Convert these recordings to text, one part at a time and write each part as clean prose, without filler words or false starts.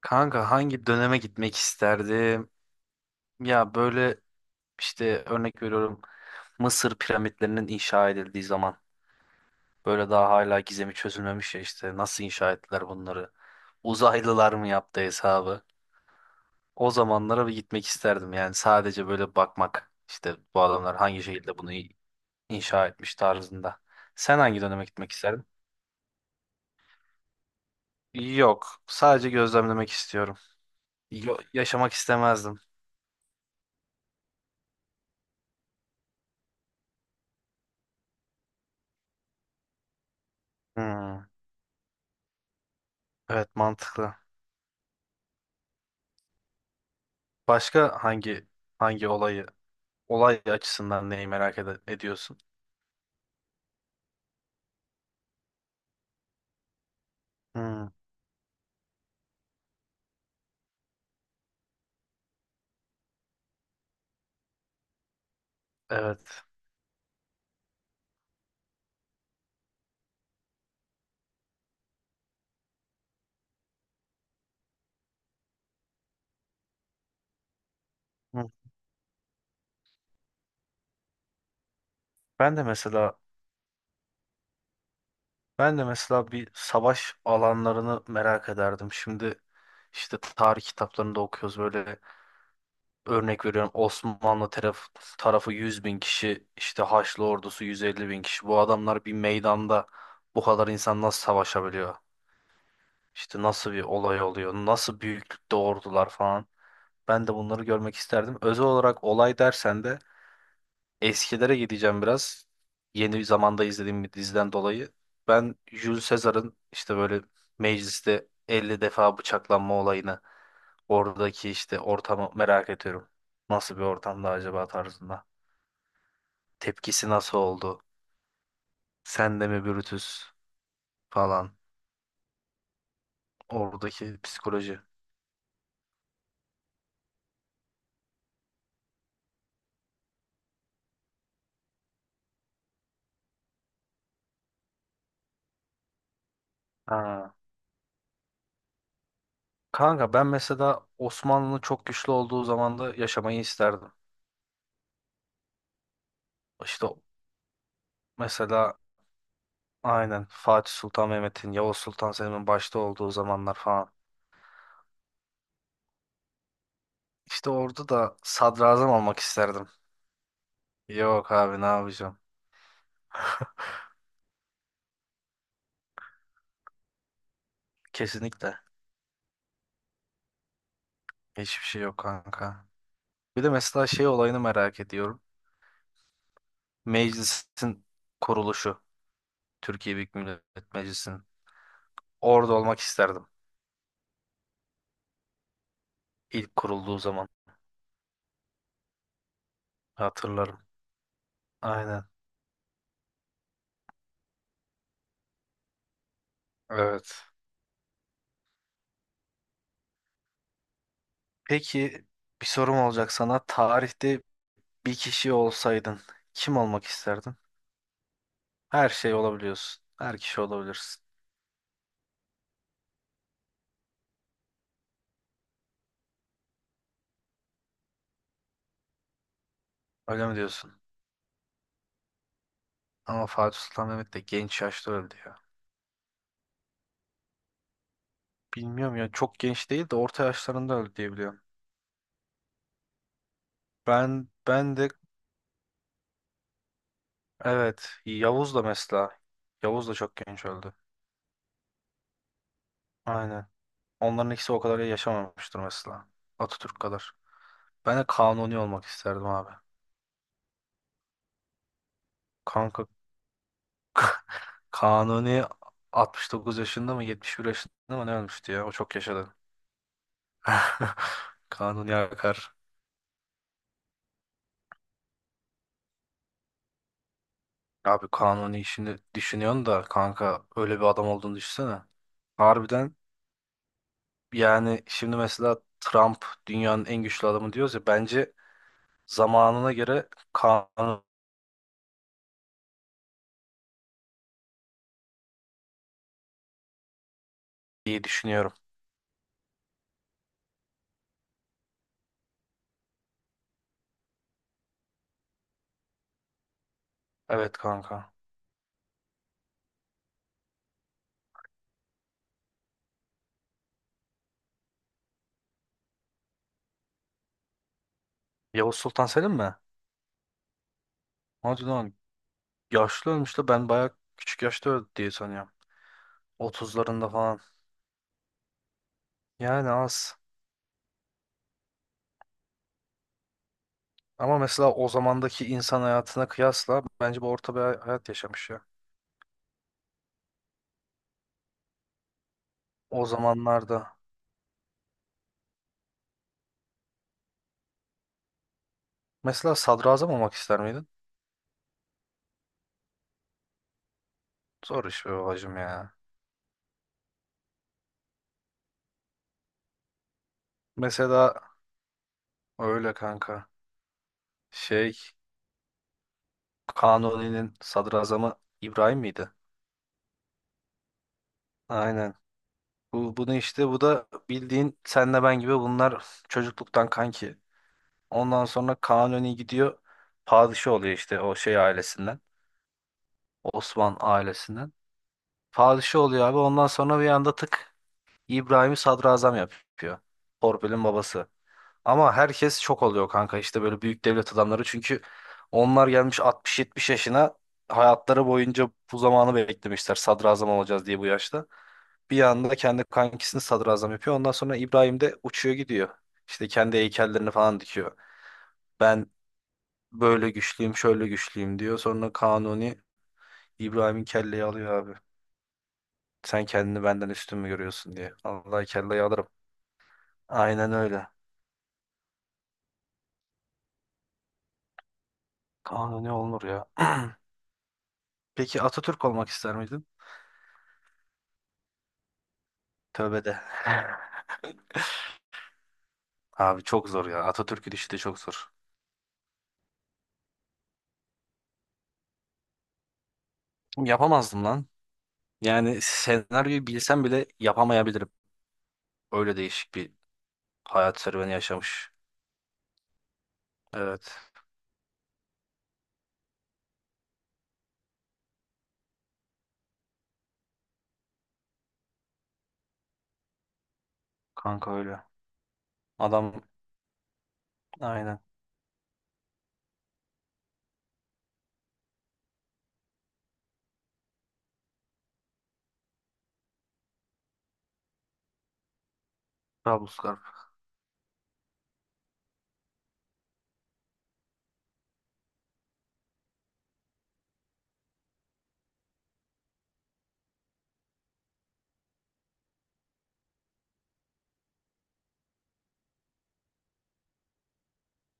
Kanka hangi döneme gitmek isterdim? Ya böyle işte örnek veriyorum Mısır piramitlerinin inşa edildiği zaman böyle daha hala gizemi çözülmemiş ya işte nasıl inşa ettiler bunları? Uzaylılar mı yaptı hesabı? O zamanlara bir gitmek isterdim yani sadece böyle bakmak işte bu adamlar hangi şekilde bunu inşa etmiş tarzında. Sen hangi döneme gitmek isterdin? Yok, sadece gözlemlemek istiyorum. Yaşamak istemezdim. Hmm, evet mantıklı. Başka hangi olayı olay açısından neyi ediyorsun? Hmm, evet. Hmm. Ben de mesela ben de mesela bir savaş alanlarını merak ederdim. Şimdi işte tarih kitaplarında okuyoruz böyle örnek veriyorum Osmanlı tarafı 100.000 kişi işte Haçlı ordusu 150.000 kişi. Bu adamlar bir meydanda bu kadar insan nasıl savaşabiliyor? İşte nasıl bir olay oluyor? Nasıl büyüklükte ordular falan? Ben de bunları görmek isterdim. Özel olarak olay dersen de eskilere gideceğim biraz. Yeni zamanda izlediğim bir diziden dolayı. Ben Jules Caesar'ın işte böyle mecliste 50 defa bıçaklanma olayını oradaki işte ortamı merak ediyorum. Nasıl bir ortamda acaba tarzında. Tepkisi nasıl oldu? Sen de mi Brutus falan. Oradaki psikoloji. Ha. Kanka ben mesela Osmanlı'nın çok güçlü olduğu zamanda yaşamayı isterdim. İşte mesela aynen Fatih Sultan Mehmet'in, Yavuz Sultan Selim'in başta olduğu zamanlar falan. İşte orada da sadrazam olmak isterdim. Yok abi ne yapacağım? Kesinlikle. Hiçbir şey yok kanka. Bir de mesela şey olayını merak ediyorum. Meclisin kuruluşu. Türkiye Büyük Millet Meclisi'nin. Orada olmak isterdim. İlk kurulduğu zaman. Hatırlarım. Aynen. Evet. Peki bir sorum olacak sana. Tarihte bir kişi olsaydın kim olmak isterdin? Her şey olabiliyorsun. Her kişi olabilirsin. Öyle mi diyorsun? Ama Fatih Sultan Mehmet de genç yaşta öldü ya. Bilmiyorum ya çok genç değil de orta yaşlarında öldü diye biliyorum. Ben de evet Yavuz da mesela. Yavuz da çok genç öldü. Aynen. Onların ikisi o kadar yaşamamıştır mesela. Atatürk kadar. Ben de Kanuni olmak isterdim abi. Kanka Kanuni 69 yaşında mı 71 yaşında mı ne ölmüştü ya? O çok yaşadı. Kanuni akar. Abi Kanuni işini düşünüyorsun da kanka öyle bir adam olduğunu düşünsene. Harbiden yani şimdi mesela Trump dünyanın en güçlü adamı diyoruz ya bence zamanına göre Kanuni diye düşünüyorum. Evet kanka. Yavuz Sultan Selim mi? Hadi lan yaşlı ölmüş de ben bayağı küçük yaşta öldü diye sanıyorum. 30'larında falan. Yani az. Ama mesela o zamandaki insan hayatına kıyasla bence bu orta bir hayat yaşamış ya. O zamanlarda. Mesela sadrazam olmak ister miydin? Zor iş be babacım ya. Mesela öyle kanka. Şey Kanuni'nin sadrazamı İbrahim miydi? Aynen. Bunu işte bu da bildiğin senle ben gibi bunlar çocukluktan kanki. Ondan sonra Kanuni gidiyor padişah oluyor işte o şey ailesinden. Osman ailesinden. Padişah oluyor abi ondan sonra bir anda tık İbrahim'i sadrazam yapıyor. Torpil'in babası. Ama herkes şok oluyor kanka işte böyle büyük devlet adamları. Çünkü onlar gelmiş 60-70 yaşına hayatları boyunca bu zamanı beklemişler. Sadrazam olacağız diye bu yaşta. Bir anda kendi kankisini sadrazam yapıyor. Ondan sonra İbrahim de uçuyor gidiyor. İşte kendi heykellerini falan dikiyor. Ben böyle güçlüyüm, şöyle güçlüyüm diyor. Sonra Kanuni İbrahim'in kelleyi alıyor abi. Sen kendini benden üstün mü görüyorsun diye. Allah kelleyi alırım. Aynen öyle. Kanuni olunur ya. Peki Atatürk olmak ister miydin? Tövbe de. Abi çok zor ya. Atatürk'ün işi de çok zor. Yapamazdım lan. Yani senaryoyu bilsem bile yapamayabilirim. Öyle değişik bir hayat serüveni yaşamış. Evet. Kanka öyle. Adam aynen. Trablusgarp.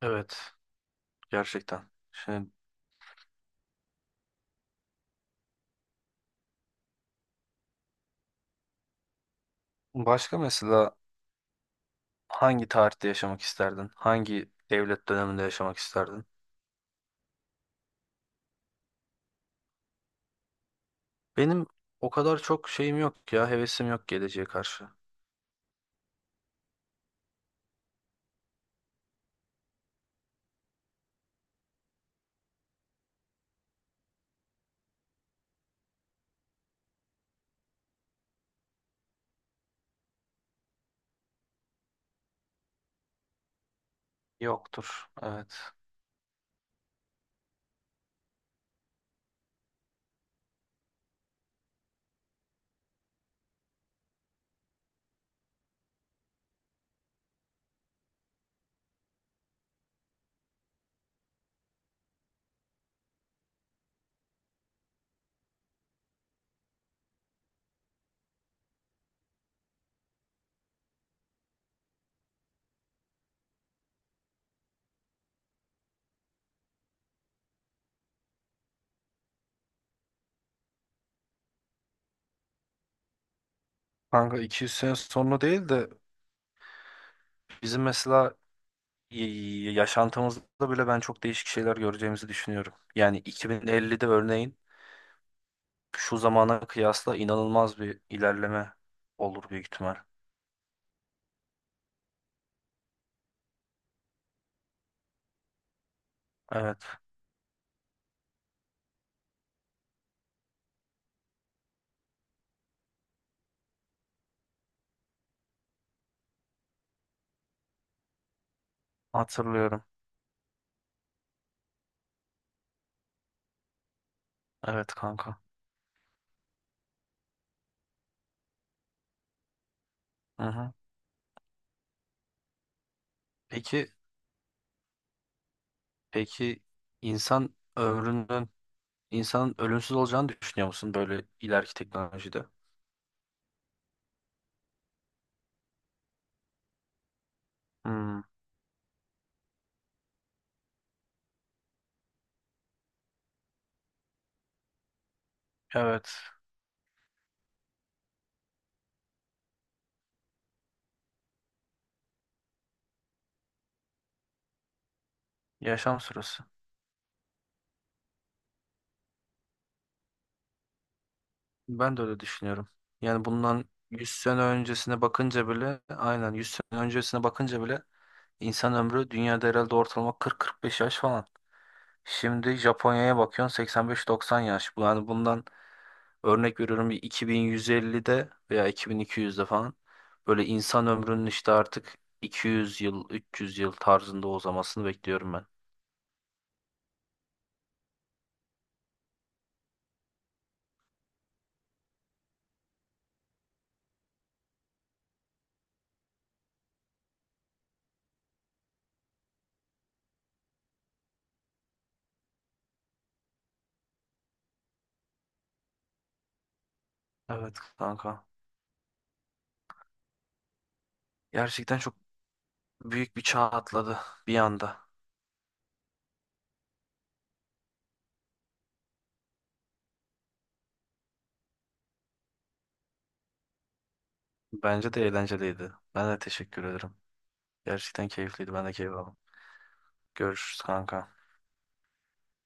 Evet. Gerçekten. Şimdi başka mesela hangi tarihte yaşamak isterdin? Hangi devlet döneminde yaşamak isterdin? Benim o kadar çok şeyim yok ya. Hevesim yok geleceğe karşı. Yoktur. Evet. Kanka 200 sene sonra değil de bizim mesela yaşantımızda bile ben çok değişik şeyler göreceğimizi düşünüyorum. Yani 2050'de örneğin şu zamana kıyasla inanılmaz bir ilerleme olur büyük ihtimal. Evet, hatırlıyorum. Evet kanka. Hı hı. Peki, peki, insan ömrünün, insanın ölümsüz olacağını düşünüyor musun böyle ileriki teknolojide? Hmm, evet, yaşam süresi. Ben de öyle düşünüyorum. Yani bundan 100 sene öncesine bakınca bile, aynen 100 sene öncesine bakınca bile İnsan ömrü dünyada herhalde ortalama 40-45 yaş falan. Şimdi Japonya'ya bakıyorsun 85-90 yaş. Yani bundan örnek veriyorum bir 2150'de veya 2200'de falan böyle insan ömrünün işte artık 200 yıl, 300 yıl tarzında uzamasını bekliyorum ben. Evet kanka. Gerçekten çok büyük bir çağ atladı bir anda. Bence de eğlenceliydi. Ben de teşekkür ederim. Gerçekten keyifliydi. Ben de keyif aldım. Görüşürüz kanka.